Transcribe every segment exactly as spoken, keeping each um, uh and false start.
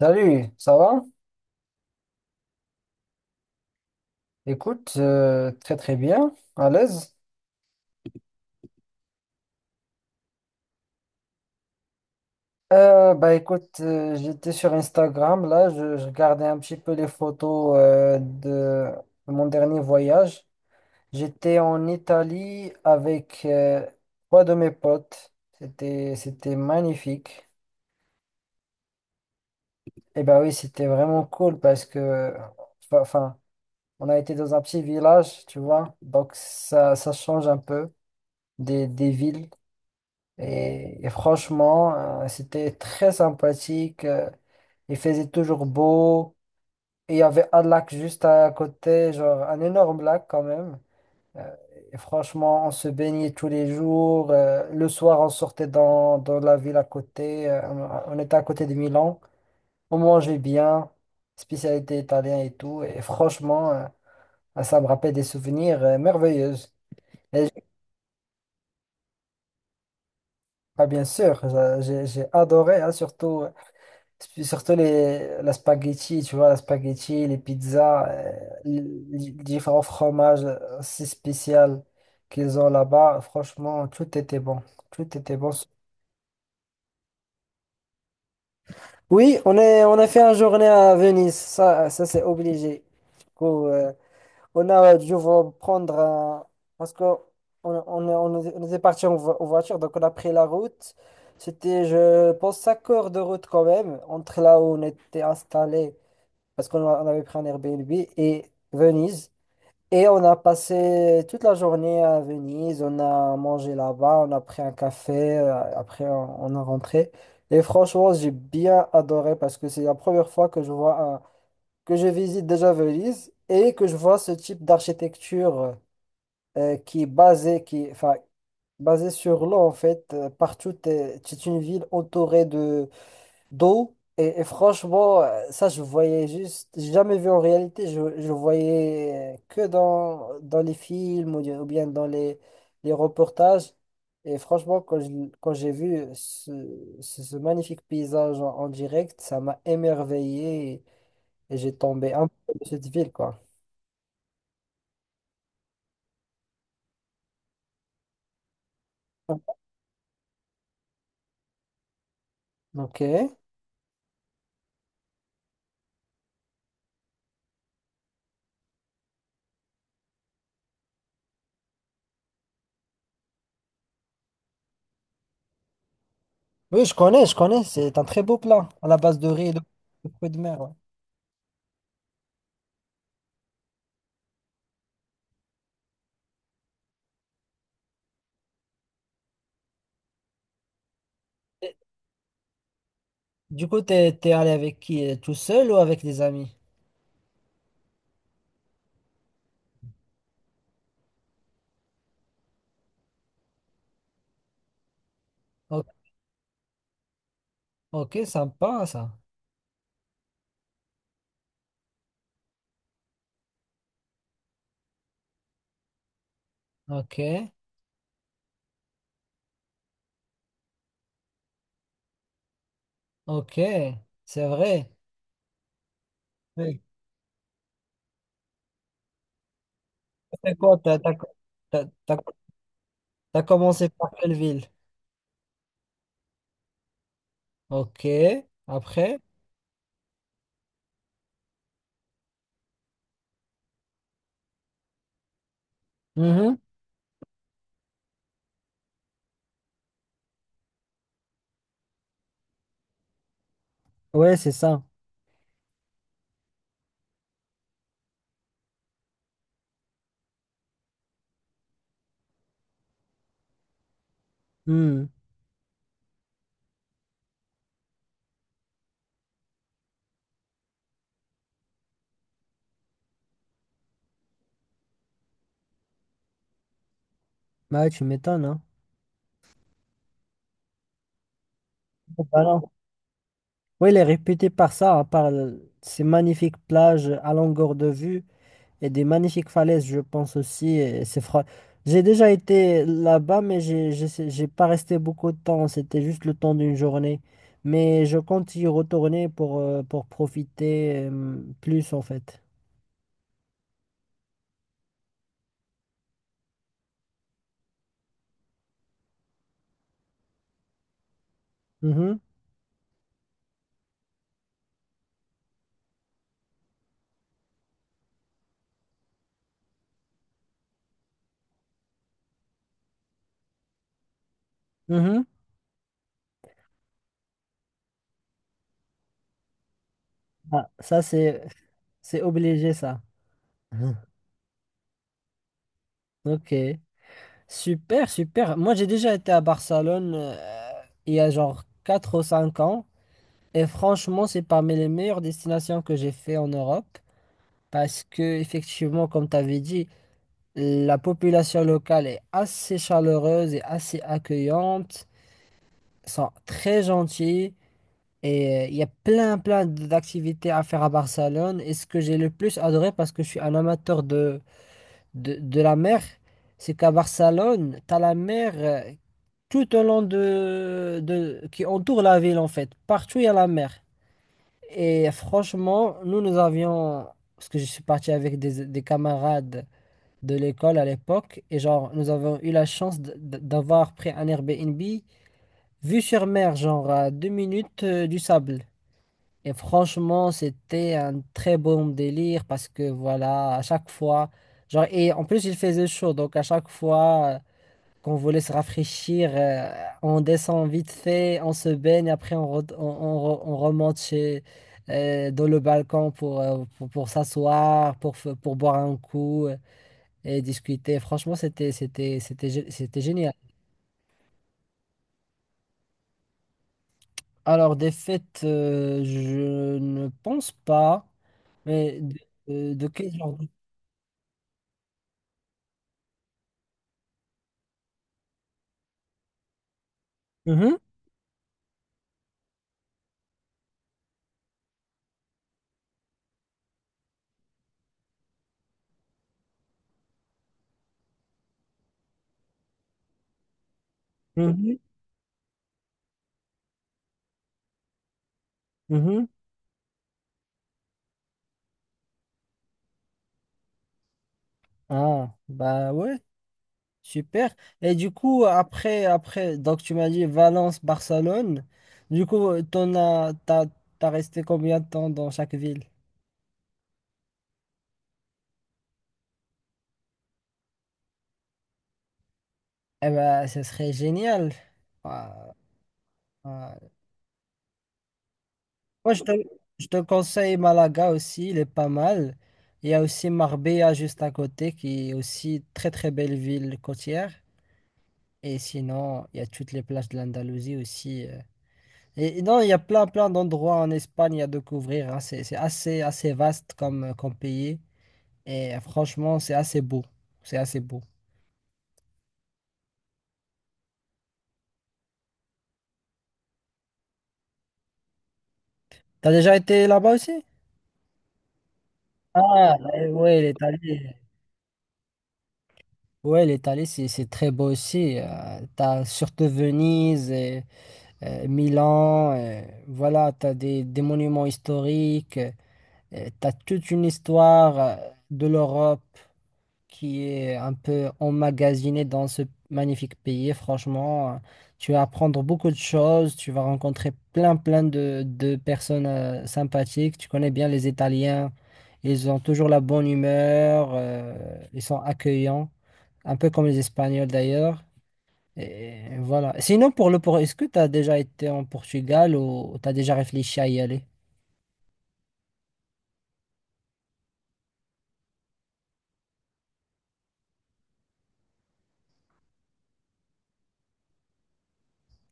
Salut, ça va? Écoute, euh, très très bien, à l'aise. Euh, bah écoute, euh, j'étais sur Instagram, là, je, je regardais un petit peu les photos euh, de mon dernier voyage. J'étais en Italie avec euh, trois de mes potes. C'était c'était magnifique. Et bah oui, c'était vraiment cool parce que, enfin, enfin, on a été dans un petit village, tu vois, donc ça, ça change un peu des, des villes. Et, et franchement, euh, c'était très sympathique. Euh, il faisait toujours beau. Et il y avait un lac juste à côté, genre un énorme lac quand même. Euh, et franchement, on se baignait tous les jours. Euh, le soir, on sortait dans, dans la ville à côté. euh, on on était à côté de Milan. On mangeait bien, spécialité italienne et tout. Et franchement, euh, ça me rappelle des souvenirs euh, merveilleux. Et ah, bien sûr, j'a- j'ai j'ai adoré, hein, surtout. Surtout les, la spaghetti, tu vois, la spaghetti, les pizzas, euh, les, les différents fromages euh, si spéciaux qu'ils ont là-bas, franchement, tout était bon. Tout était bon. Oui, on est, on a fait une journée à Venise, ça, ça c'est obligé. Du coup, euh, on a euh, dû vo- prendre un- parce que on, on, est- on, est- on était parti en, vo- en voiture, donc on a pris la route. C'était, je pense, cinq heures de route quand même, entre là où on était installé. Parce qu'on a- on avait pris un Airbnb et Venise. Et on a passé toute la journée à Venise, on a mangé là-bas, on a pris un café, euh, après on, on a rentré. Et franchement, j'ai bien adoré parce que c'est la première fois que je vois un- que je visite déjà Venise et que je vois ce type d'architecture euh, qui est basée, qui, enfin, basée sur l'eau en fait. Euh, Partout, t'es- c'est une ville entourée de d'eau. Et, et franchement, euh, ça, je voyais juste, j'ai jamais vu en réalité, je, je voyais euh, que dans, dans les films ou, bien ou bien dans les, les reportages. Et franchement, quand je- quand j'ai vu ce, ce, ce magnifique paysage en, en direct, ça m'a émerveillé et, et j'ai tombé un peu de cette ville, quoi. Ok. Oui, je connais, je connais, c'est un très beau plat à la base de riz et de, de fruits de mer. Ouais. Du coup, t'es, t'es allé avec qui? euh, Tout seul ou avec des amis? O- Ok, sympa ça. Ok, ok, c'est vrai. Oui. C'est quoi? T'as, t'as- t'as- t'as- T'as commencé par quelle ville? Ok, après? Mhm. Ouais, c'est ça. Hmm. Bah ouais, tu m'étonnes, hein. Bah non. Oui, il est réputé par ça, hein, par le- ces magnifiques plages à longueur de vue. Et des magnifiques falaises, je pense aussi. et C'est fra- J'ai déjà été là-bas, mais j'ai j'ai- j'ai pas resté beaucoup de temps. C'était juste le temps d'une journée. Mais je compte y retourner pour, euh, pour profiter euh, plus, en fait. Mhm, mhm. Ah, ça, c'est c'est obligé, ça. Ok. Super, super. Moi, j'ai déjà été à Barcelone euh, il y a genre quatre ou cinq ans. Et franchement, c'est parmi les meilleures destinations que j'ai fait en Europe. Parce que, effectivement, comme tu avais dit, la population locale est assez chaleureuse et assez accueillante, sont très gentils et euh, il y a plein, plein d'activités à faire à Barcelone. Et ce que j'ai le plus adoré, parce que je suis un amateur de, de, de la mer, c'est qu'à Barcelone, tu as la mer euh, tout au long de, de, qui entoure la ville en fait. Partout, il y a la mer. Et franchement, nous, nous avions, parce que je suis parti avec des, des camarades de l'école à l'époque. Et genre, nous avons eu la chance d- d- d'avoir pris un Airbnb vue sur mer, genre à deux minutes euh, du sable. Et franchement, c'était un très bon délire parce que voilà, à chaque fois, genre, et en plus, il faisait chaud. Donc, à chaque fois euh, qu'on voulait se rafraîchir, euh, on descend vite fait, on se baigne, après, on, re- on, on re- on remonte chez. Euh, dans le balcon pour, euh, pour, pour s'asseoir, pour, f- pour boire un coup et discuter. Franchement, c'était, c'était, c'était, gé- c'était génial. Alors, des fêtes, euh, je ne pense pas, mais de, euh, de quel genre? Mhm, mhm, mhm. Ah, bah ouais, super. Et du coup, après, après, donc tu m'as dit Valence, Barcelone. Du coup, euh, t'en as, t'as, t'as resté combien de temps dans chaque ville? Eh ben, ce serait génial. Ah, ah, moi, je te, je te conseille Malaga aussi, il est pas mal. Il y a aussi Marbella juste à côté, qui est aussi très très belle ville côtière. Et sinon, il y a toutes les plages de l'Andalousie aussi. euh. Et, et non, il y a plein plein d'endroits en Espagne à découvrir. Hein. C'est, c'est assez assez vaste comme, euh, comme pays. Et euh, franchement, c'est assez beau. C'est assez beau. T'as déjà été là-bas aussi? Ah, euh, ouais, l'Italie. Ouais, l'Italie, c'est c'est très beau aussi. Euh, t'as surtout Venise. Et euh, Milan, euh, voilà, tu as des, des monuments historiques, tu as toute une histoire euh, de l'Europe qui est un peu emmagasinée dans ce magnifique pays. Franchement, euh, tu vas apprendre beaucoup de choses, tu vas rencontrer plein, plein de, de personnes euh, sympathiques. Tu connais bien les Italiens, ils ont toujours la bonne humeur, euh, ils sont accueillants, un peu comme les Espagnols d'ailleurs. Et voilà. Sinon, pour le pour, est-ce que tu as déjà été en Portugal ou tu as déjà réfléchi à y aller?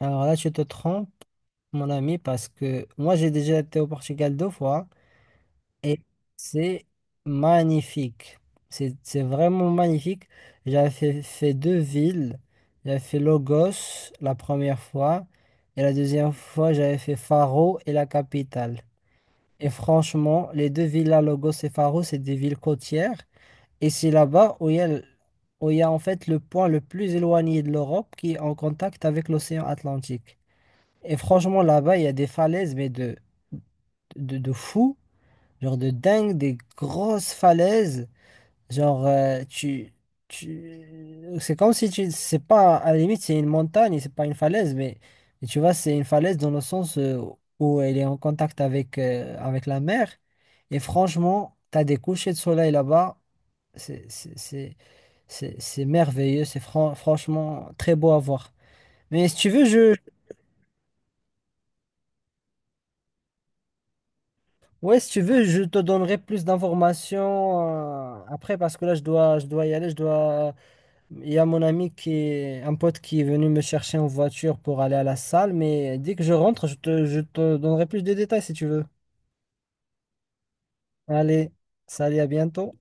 Alors là, tu te trompes, mon ami, parce que moi, j'ai déjà été au Portugal deux fois et c'est magnifique. C'est c'est vraiment magnifique. J'avais fait, fait deux villes. J'avais fait Lagos la première fois et la deuxième fois, j'avais fait Faro et la capitale. Et franchement, les deux villes, là, Lagos et Faro, c'est des villes côtières. Et c'est là-bas où il y a, l- où il y a en fait le point le plus éloigné de l'Europe qui est en contact avec l'océan Atlantique. Et franchement, là-bas, il y a des falaises, mais de, de, de fou, genre de dingue, des grosses falaises. Genre, euh, tu, tu, c'est comme si tu, c'est pas, à la limite, c'est une montagne, c'est pas une falaise, mais tu vois, c'est une falaise dans le sens euh, où elle est en contact avec, euh, avec la mer. Et franchement, t'as des couchers de soleil là-bas. c'est c'est c'est- c'est c'est merveilleux, c'est fran- franchement très beau à voir. Mais si tu veux, je, ouais, si tu veux, je te donnerai plus d'informations euh, après parce que là, je dois, je dois y aller. Je dois... Il y a mon ami qui est, un pote qui est venu me chercher en voiture pour aller à la salle. Mais dès que je rentre, je te, je te donnerai plus de détails si tu veux. Allez, salut, à bientôt.